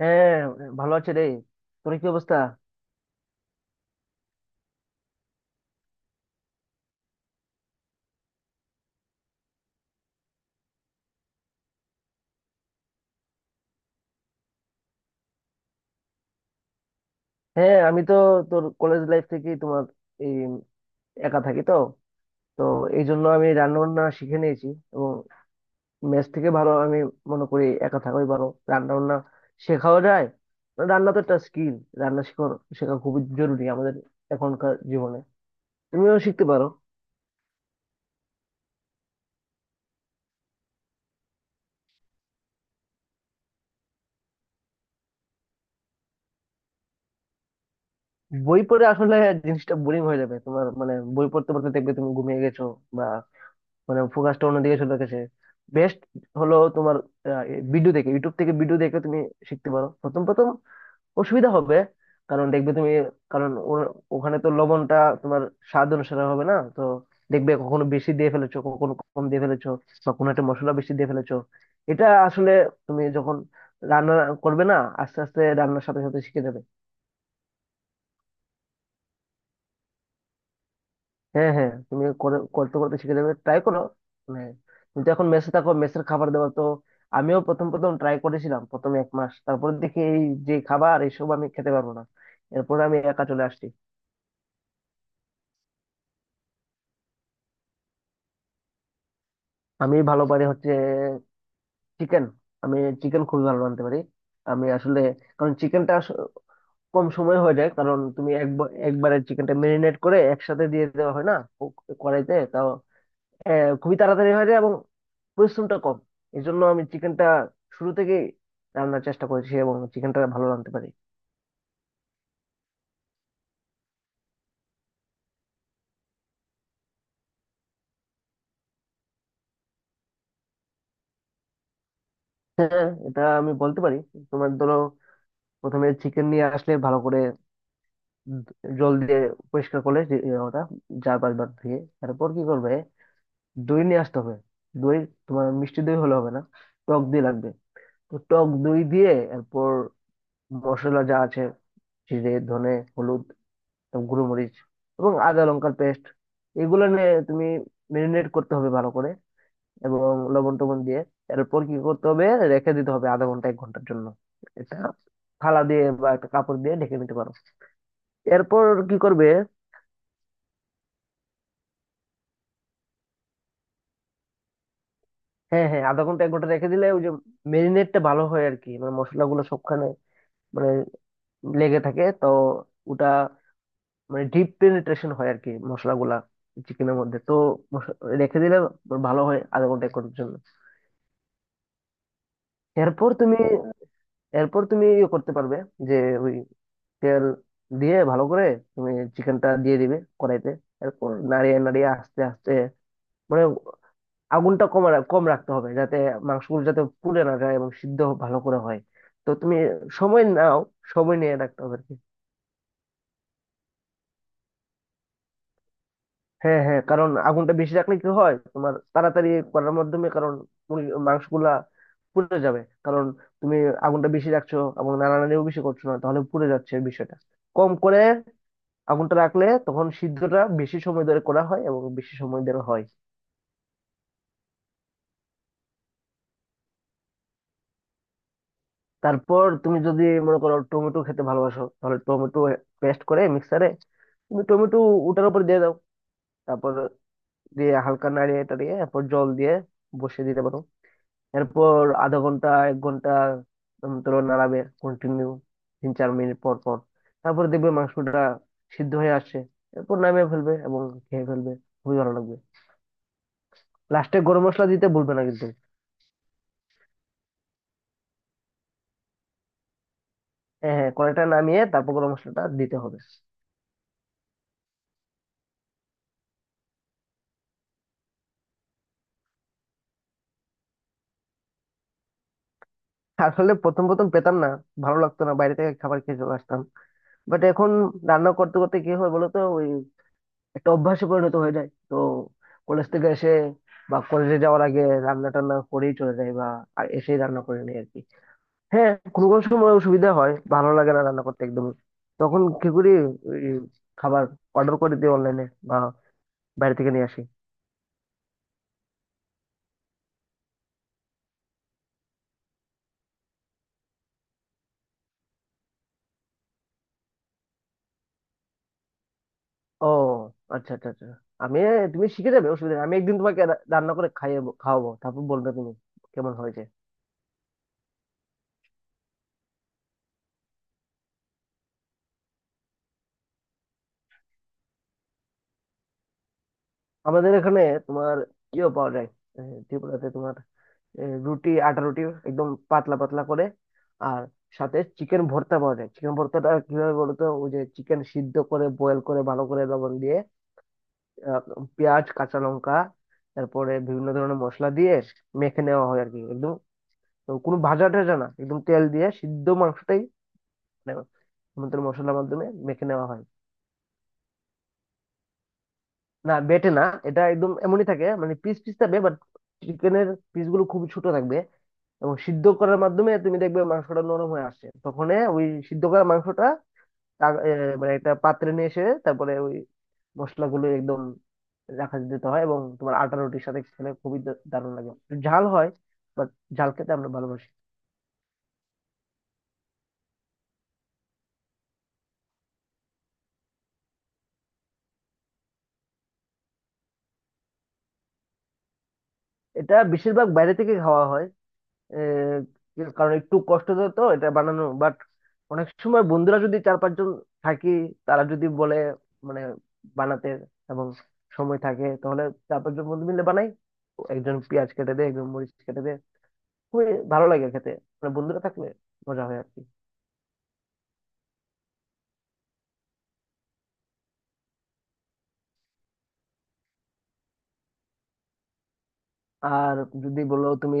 হ্যাঁ, ভালো আছে রে। তোর কি অবস্থা? হ্যাঁ, আমি তো তোর কলেজ লাইফ থেকে তোমার এই একা থাকি তো। তো এই জন্য আমি রান্না বান্না শিখে নিয়েছি, এবং মেস থেকে ভালো আমি মনে করি একা থাকাই ভালো। রান্না বান্না শেখাও যায়। রান্না তো একটা স্কিল। রান্না শেখা শেখা খুবই জরুরি আমাদের এখনকার জীবনে। তুমিও শিখতে পারো। বই পড়ে আসলে জিনিসটা বোরিং হয়ে যাবে তোমার, মানে বই পড়তে পড়তে দেখবে তুমি ঘুমিয়ে গেছো, মানে ফোকাসটা অন্যদিকে চলে গেছে। বেস্ট হলো তোমার ভিডিও দেখে, ইউটিউব থেকে ভিডিও দেখে তুমি শিখতে পারো। প্রথম প্রথম অসুবিধা হবে, কারণ দেখবে তুমি, কারণ ওখানে তো লবণটা তোমার স্বাদ অনুসারে হবে না তো। দেখবে কখনো বেশি দিয়ে ফেলেছো, কখনো কম দিয়ে ফেলেছো, বা কোনো একটা মশলা বেশি দিয়ে ফেলেছো। এটা আসলে তুমি যখন রান্না করবে না, আস্তে আস্তে রান্নার সাথে সাথে শিখে যাবে। হ্যাঁ, হ্যাঁ, তুমি করতে করতে শিখে যাবে, ট্রাই করো। মানে তুমি তো এখন মেসে থাকো, মেসের খাবার দাবার তো। আমিও প্রথম প্রথম ট্রাই করেছিলাম প্রথম 1 মাস, তারপরে দেখি এই যে খাবার এইসব আমি খেতে পারবো না। এরপর আমি একা চলে আসছি। আমি ভালো পারি হচ্ছে চিকেন। আমি চিকেন খুবই ভালো রাঁধতে পারি। আমি আসলে, কারণ চিকেনটা কম সময় হয়ে যায়, কারণ তুমি একবার, একবারে চিকেনটা মেরিনেট করে একসাথে দিয়ে দেওয়া হয় না। ও- কড়াইতে তাও খুবই তাড়াতাড়ি হয়ে যায়, এবং পরিশ্রমটা কম। এই জন্য আমি চিকেনটা শুরু থেকে রান্নার চেষ্টা করেছি এবং চিকেনটা ভালো রাঁধতে পারি। হ্যাঁ, এটা আমি বলতে পারি। তোমার ধরো, প্রথমে চিকেন নিয়ে আসলে ভালো করে জল দিয়ে পরিষ্কার করলে যে- এ ওটা 4-5 বার ধুয়ে, তারপর কি করবে? দই নিয়ে আসতে হবে। দই, তোমার মিষ্টি দই হলে হবে না, টক দই লাগবে। তো টক দই দিয়ে, এরপর মশলা যা আছে— জিরে, ধনে, হলুদ, এবং গুঁড়োমরিচ, এবং আদা লঙ্কার পেস্ট, এগুলো নিয়ে তুমি মেরিনেট করতে হবে ভালো করে, এবং লবণ টবণ দিয়ে। এরপর কি করতে হবে? রেখে দিতে হবে আধা ঘন্টা 1 ঘন্টার জন্য। এটা থালা দিয়ে বা একটা কাপড় দিয়ে ঢেকে নিতে পারো। এরপর কি করবে? হ্যাঁ, হ্যাঁ, আধা ঘন্টা 1 ঘন্টা রেখে দিলে ওই যে মেরিনেটটা ভালো হয় আর কি, মানে মশলাগুলো সবখানে, মানে লেগে থাকে তো, ওটা, মানে ডিপ পেনিট্রেশন হয় আর কি মশলাগুলা চিকেনের মধ্যে তো। মশ- রেখে দিলে ভালো হয় আধা ঘন্টা 1 ঘন্টার জন্য। এরপর তুমি, এরপর তুমি ইয়ে করতে পারবে, যে ওই তেল দিয়ে ভালো করে তুমি চিকেনটা দিয়ে দিবে কড়াইতে। এরপর নাড়িয়ে নাড়িয়ে আস্তে আস্তে, মানে আগুনটা কম কম রাখতে হবে যাতে মাংসগুলো যাতে পুড়ে না যায় এবং সিদ্ধ ভালো করে হয়। তো তুমি সময় নাও, সময় নিয়ে রাখতে হবে আর কি। হ্যাঁ, হ্যাঁ, কারণ আগুনটা বেশি রাখলে কি হয় তোমার, তাড়াতাড়ি করার মাধ্যমে, কারণ মাংসগুলা পুড়ে যাবে, কারণ তুমি আগুনটা বেশি রাখছো এবং নাড়ানাড়িও বেশি করছো না, তাহলে পুড়ে যাচ্ছে বিষয়টা। কম করে আগুনটা রাখলে তখন সিদ্ধটা বেশি সময় ধরে করা হয় এবং বেশি সময় ধরে হয়। তারপর তুমি যদি মনে করো টমেটো খেতে ভালোবাসো, তাহলে টমেটো পেস্ট করে মিক্সারে, তুমি টমেটো ওটার উপর দিয়ে দাও। তারপর দিয়ে হালকা নাড়িয়ে টাড়িয়ে এরপর জল দিয়ে বসিয়ে দিতে পারো। এরপর আধা ঘন্টা 1 ঘন্টা ধরো নাড়াবে কন্টিনিউ 3-4 মিনিট পর পর। তারপর দেখবে মাংসটা সিদ্ধ হয়ে আসছে। এরপর নামিয়ে ফেলবে এবং খেয়ে ফেলবে, খুবই ভালো লাগবে। লাস্টে গরম মশলা দিতে ভুলবে না কিন্তু। হ্যাঁ, হ্যাঁ, কড়াইটা নামিয়ে তারপর গরম মশলাটা দিতে হবে। আসলে প্রথম প্রথম পেতাম না, ভালো লাগতো না, বাইরে থেকে খাবার খেয়ে চলে আসতাম। বাট এখন রান্না করতে করতে কি হয় বলতো, ওই একটা অভ্যাসে পরিণত হয়ে যায় তো। কলেজ থেকে এসে বা কলেজে যাওয়ার আগে রান্না টান্না করেই চলে যায়, বা আর এসেই রান্না করে নিই আর কি। হ্যাঁ, কোনো কোনো সময় অসুবিধা হয়, ভালো লাগে না রান্না করতে একদমই। তখন কি করি? ওই খাবার অর্ডার করে দিই অনলাইনে, বা বাইরে থেকে নিয়ে আসি। ও, আচ্ছা, আচ্ছা, আচ্ছা। আমি তুমি শিখে যাবে, অসুবিধা নেই, আমি একদিন তোমাকে রান্না করে খাইয়ে খাওয়াবো, তারপর বলবে তুমি কেমন হয়েছে। আমাদের এখানে তোমার ইয়েও পাওয়া যায়, এ, ত্রিপুরাতে তোমার রুটি, আটা রুটি একদম পাতলা পাতলা করে, আর সাথে চিকেন ভর্তা পাওয়া যায়। চিকেন ভর্তাটা কিভাবে বলো তো, ওই যে চিকেন সিদ্ধ করে বয়েল করে ভালো করে লবণ দিয়ে, আহ, পেঁয়াজ, কাঁচা লঙ্কা, তারপরে বিভিন্ন ধরনের মশলা দিয়ে মেখে নেওয়া হয় আর কি, একদম, কোনো ভাজা টাজা না, একদম তেল দিয়ে সিদ্ধ মাংসটাই, মানে সমুদ্র মশলার মাধ্যমে মেখে নেওয়া হয়। না, বেটে না, এটা একদম এমনই থাকে, মানে পিস পিস থাকবে। বাট চিকেনের পিস গুলো খুব ছোট থাকবে এবং সিদ্ধ করার মাধ্যমে তুমি দেখবে মাংসটা নরম হয়ে আসছে তখন, ওই সিদ্ধ করা মাংসটা তা- এ, মানে একটা পাত্রে নিয়ে এসে, তারপরে ওই মশলাগুলো একদম রাখা দিতে হয়, এবং তোমার আটা রুটির সাথে খেলে খুবই দারুণ লাগে, একটু ঝাল হয় বাট ঝাল খেতে আমরা ভালোবাসি। এটা বেশিরভাগ বাইরে থেকে খাওয়া হয়, এ, কারণ একটু কষ্ট তো তো এটা বানানো। বাট অনেক সময় বন্ধুরা যদি 4-5 জন থাকি, তারা যদি বলে মানে বানাতে, এবং সময় থাকে, তাহলে 4-5 জন বন্ধু মিলে বানাই। একজন পেঁয়াজ কেটে দেয়, একজন মরিচ কেটে দেয়, খুবই ভালো লাগে খেতে, মানে বন্ধুরা থাকলে মজা হয় আর কি। আর যদি বলো তুমি,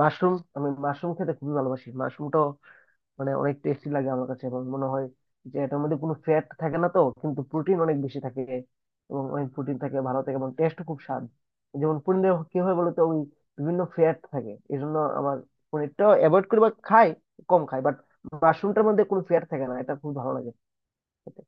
মাশরুম। আমি মাশরুম খেতে খুবই ভালোবাসি, মাশরুমটাও মানে অনেক টেস্টি লাগে আমার কাছে, এবং মনে হয় যে এটার মধ্যে কোনো ফ্যাট থাকে না তো, কিন্তু প্রোটিন অনেক বেশি থাকে এবং অনেক প্রোটিন থাকে, ভালো থাকে এবং টেস্ট, খুব স্বাদ। যেমন পনিরে কি হয় বলতো, ওই বিভিন্ন ফ্যাট থাকে, এই জন্য আমার পনিরটা অ্যাভয়েড করি বা খাই কম খাই। বাট মাশরুমটার মধ্যে কোনো ফ্যাট থাকে না, এটা খুব ভালো লাগে খেতে।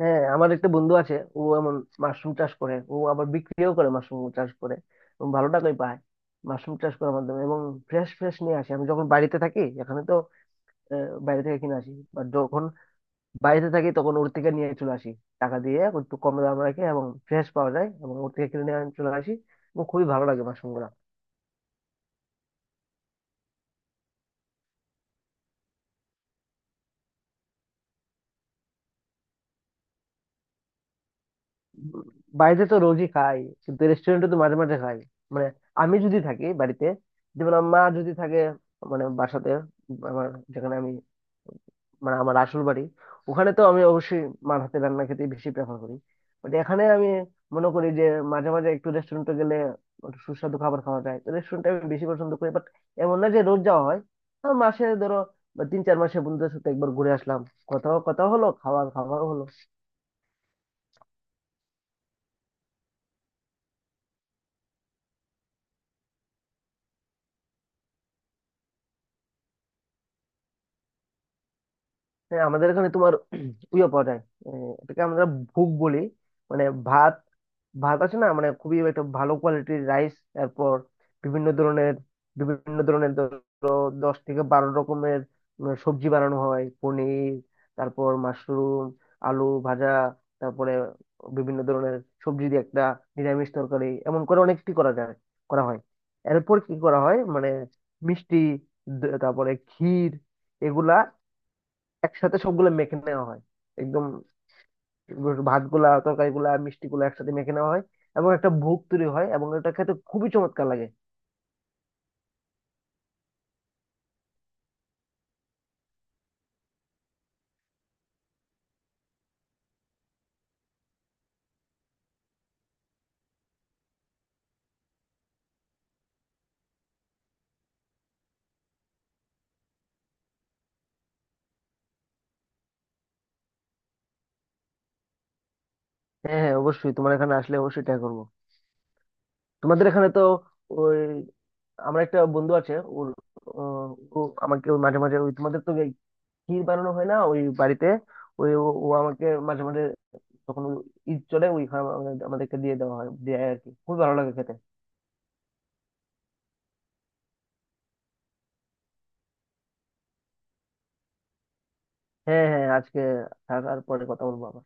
হ্যাঁ, আমার একটা বন্ধু আছে, ও এমন মাশরুম চাষ করে, ও আবার বিক্রিও করে মাশরুম চাষ করে এবং ভালো টাকাই পায় মাশরুম চাষ করার মাধ্যমে, এবং ফ্রেশ ফ্রেশ নিয়ে আসে। আমি যখন বাড়িতে থাকি এখানে তো বাইরে থেকে কিনে আসি, বা যখন বাইরে থাকি তখন ওর থেকে নিয়ে চলে আসি টাকা দিয়ে। এখন একটু কম দাম রাখে এবং ফ্রেশ পাওয়া যায় এবং ওর থেকে কিনে নিয়ে আমি চলে আসি, এবং খুবই ভালো লাগে মাশরুমগুলা। বাইরে তো রোজই খাই, কিন্তু রেস্টুরেন্টে তো মাঝে মাঝে খাই। মানে আমি যদি থাকি বাড়িতে, যেমন আমার মা যদি থাকে মানে বাসাতে, আমার, যেখানে আমি, মানে আমার আসল বাড়ি, ওখানে তো আমি অবশ্যই মার হাতে রান্না খেতে বেশি প্রেফার করি। বাট এখানে আমি মনে করি যে মাঝে মাঝে একটু রেস্টুরেন্টে গেলে একটু সুস্বাদু খাবার খাওয়া যায় তো, রেস্টুরেন্টে আমি বেশি পছন্দ করি। বাট এমন না যে রোজ যাওয়া হয়, হ্যাঁ, মাসে ধরো বা 3-4 মাসে বন্ধুদের সাথে একবার ঘুরে আসলাম, কথাও কথা হলো, খাওয়া খাওয়াও হলো। হ্যাঁ, আমাদের এখানে তোমার ইয়ে পাওয়া যায়, এটাকে আমরা ভুগ বলি। মানে ভাত, ভাত আছে না, মানে খুবই একটা ভালো কোয়ালিটির রাইস, তারপর বিভিন্ন ধরনের বিভিন্ন ধরনের ধরো 10 থেকে 12 রকমের সবজি বানানো হয়— পনির, তারপর মাশরুম, আলু ভাজা, তারপরে বিভিন্ন ধরনের সবজি দিয়ে একটা নিরামিষ তরকারি এমন করে অনেকটি করা যায়, করা হয়। এরপর কি করা হয় মানে মিষ্টি, তারপরে ক্ষীর, এগুলা একসাথে সবগুলো মেখে নেওয়া হয়। একদম ভাত গুলা, তরকারি গুলা, মিষ্টি গুলা একসাথে মেখে নেওয়া হয়, এবং একটা ভোগ তৈরি হয়, এবং এটা খেতে খুবই চমৎকার লাগে। হ্যাঁ, হ্যাঁ, অবশ্যই তোমার এখানে আসলে অবশ্যই ট্রাই করবো। তোমাদের এখানে তো ওই, আমার একটা বন্ধু আছে, ওর, ও ও আমাকে ওই মাঝে মাঝে, ওই তোমাদের তো এই ক্ষীর বানানো হয় না ওই বাড়িতে, ওই ও ও আমাকে মাঝে মাঝে যখন ওই ঈদ চলে, ওই খাবার আমাদেরকে দিয়ে দেওয়া হয় দেয় আর কি, খুবই ভালো লাগে খেতে। হ্যাঁ, হ্যাঁ, আজকে থাকার পরে কথা বলবো আবার।